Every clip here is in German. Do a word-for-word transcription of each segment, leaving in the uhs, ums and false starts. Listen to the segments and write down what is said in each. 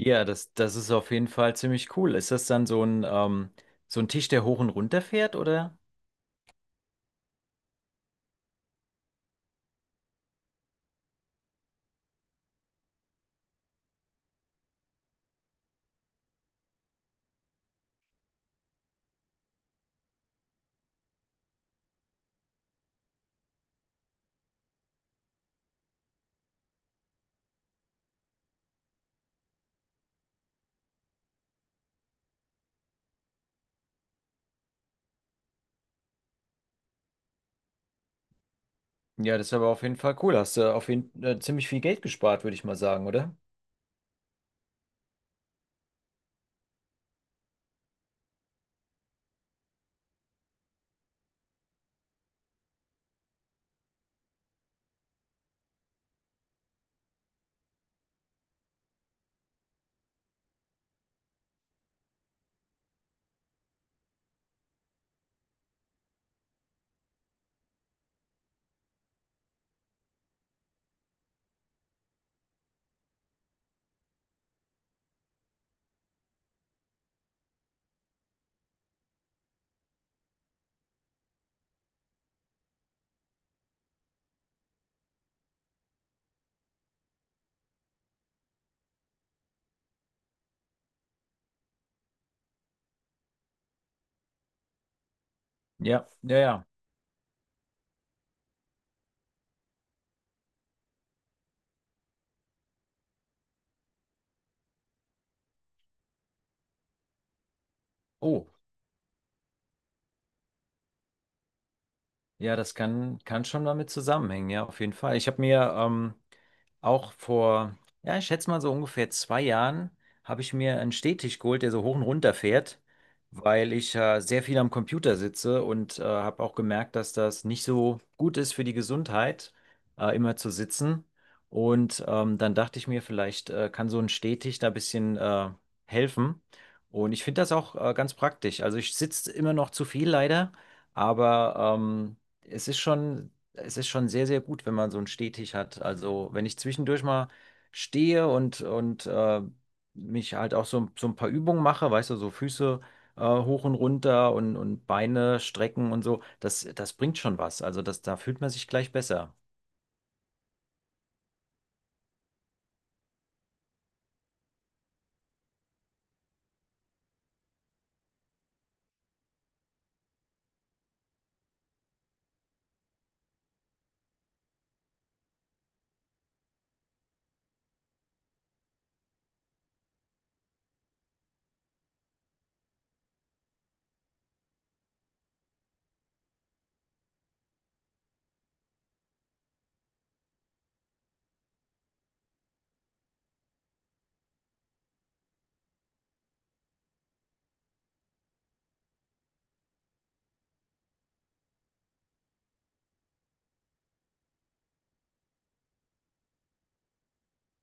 Ja, das, das ist auf jeden Fall ziemlich cool. Ist das dann so ein, ähm, so ein Tisch, der hoch und runter fährt, oder? Ja, das ist aber auf jeden Fall cool. Hast du auf jeden äh, ziemlich viel Geld gespart, würde ich mal sagen, oder? Ja, ja, ja. Oh. Ja, das kann, kann schon damit zusammenhängen, ja, auf jeden Fall. Ich habe mir ähm, auch vor, ja, ich schätze mal so ungefähr zwei Jahren, habe ich mir einen Stehtisch geholt, der so hoch und runter fährt, weil ich äh, sehr viel am Computer sitze und äh, habe auch gemerkt, dass das nicht so gut ist für die Gesundheit, äh, immer zu sitzen. Und ähm, dann dachte ich mir, vielleicht äh, kann so ein Stehtisch da ein bisschen äh, helfen. Und ich finde das auch äh, ganz praktisch. Also ich sitze immer noch zu viel leider. Aber ähm, es ist schon, es ist schon sehr, sehr gut, wenn man so einen Stehtisch hat. Also wenn ich zwischendurch mal stehe und, und äh, mich halt auch so, so ein paar Übungen mache, weißt du, so Füße äh, hoch und runter und, und Beine strecken und so, das, das bringt schon was. Also das, da fühlt man sich gleich besser.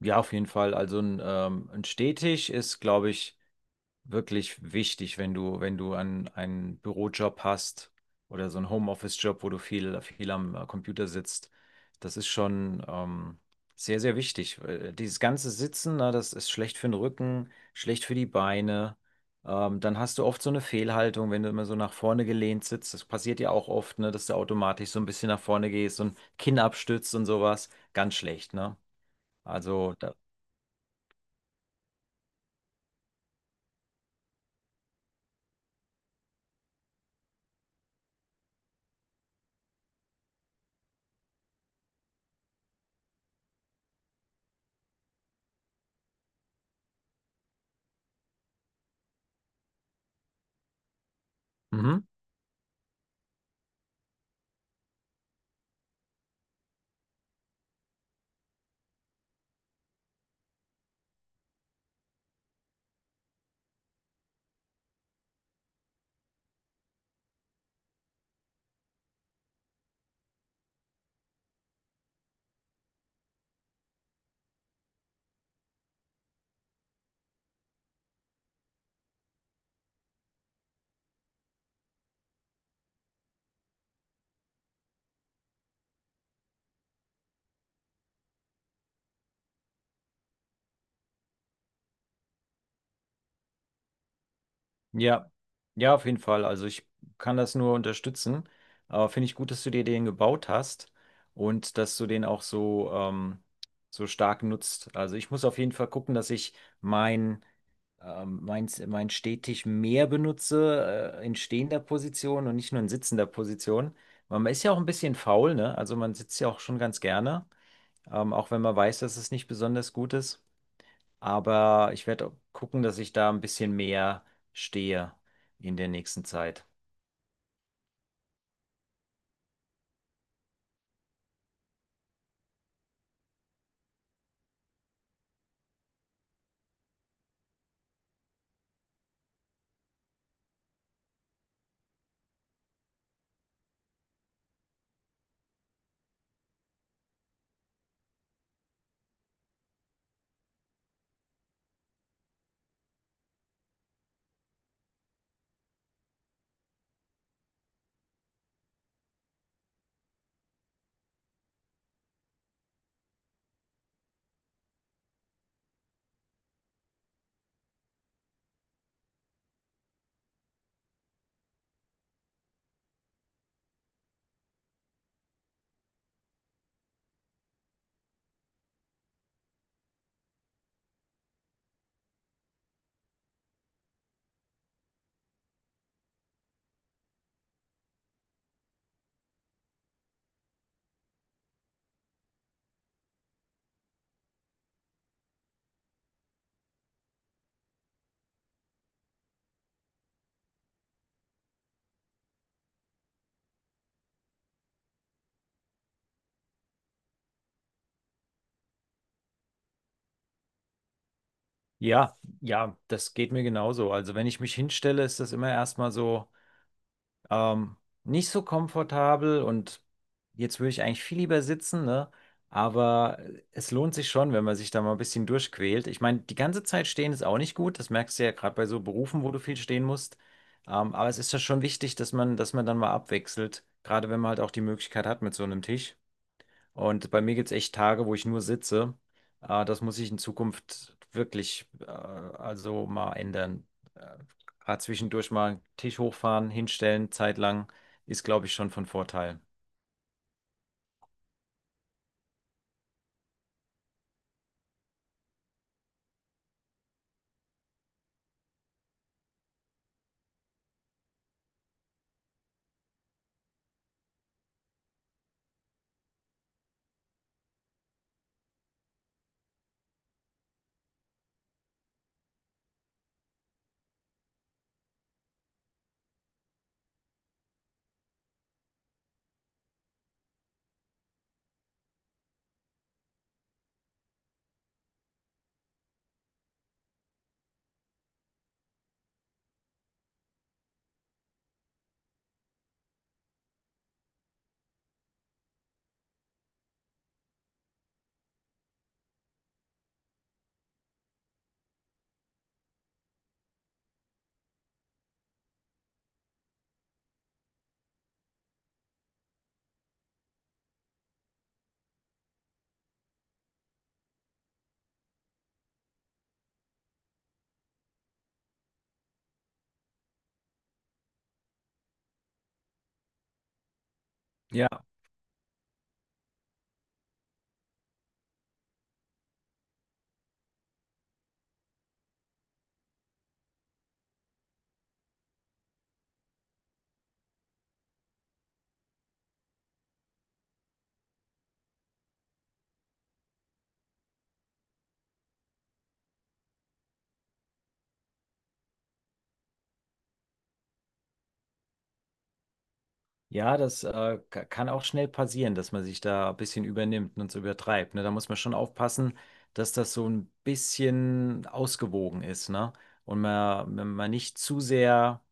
Ja, auf jeden Fall. Also ein, ähm, ein Stehtisch ist, glaube ich, wirklich wichtig, wenn du, wenn du einen, einen Bürojob hast oder so einen Homeoffice-Job, wo du viel, viel am äh, Computer sitzt. Das ist schon ähm, sehr, sehr wichtig. Äh, Dieses ganze Sitzen, na, das ist schlecht für den Rücken, schlecht für die Beine. Ähm, dann hast du oft so eine Fehlhaltung, wenn du immer so nach vorne gelehnt sitzt. Das passiert ja auch oft, ne, dass du automatisch so ein bisschen nach vorne gehst und Kinn abstützt und sowas. Ganz schlecht, ne? Also, da, mhm. Ja, ja, auf jeden Fall. Also ich kann das nur unterstützen. Aber finde ich gut, dass du dir den gebaut hast und dass du den auch so, ähm, so stark nutzt. Also ich muss auf jeden Fall gucken, dass ich mein, ähm, mein, mein Stehtisch mehr benutze, äh, in stehender Position und nicht nur in sitzender Position. Weil man ist ja auch ein bisschen faul, ne? Also man sitzt ja auch schon ganz gerne, ähm, auch wenn man weiß, dass es nicht besonders gut ist. Aber ich werde gucken, dass ich da ein bisschen mehr stehe in der nächsten Zeit. Ja, ja, das geht mir genauso. Also wenn ich mich hinstelle, ist das immer erstmal so ähm, nicht so komfortabel und jetzt würde ich eigentlich viel lieber sitzen, ne? Aber es lohnt sich schon, wenn man sich da mal ein bisschen durchquält. Ich meine, die ganze Zeit stehen ist auch nicht gut. Das merkst du ja gerade bei so Berufen, wo du viel stehen musst. Ähm, aber es ist ja schon wichtig, dass man, dass man dann mal abwechselt, gerade wenn man halt auch die Möglichkeit hat mit so einem Tisch. Und bei mir gibt es echt Tage, wo ich nur sitze. Äh, das muss ich in Zukunft wirklich äh, also mal ändern. Äh, Gerade zwischendurch mal einen Tisch hochfahren, hinstellen, zeitlang, ist, glaube ich, schon von Vorteil. Ja, ja, das äh, ka- kann auch schnell passieren, dass man sich da ein bisschen übernimmt und so übertreibt. Ne? Da muss man schon aufpassen, dass das so ein bisschen ausgewogen ist, ne? Und man, man man nicht zu sehr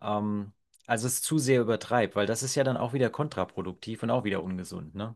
Ähm, also es zu sehr übertreibt, weil das ist ja dann auch wieder kontraproduktiv und auch wieder ungesund, ne?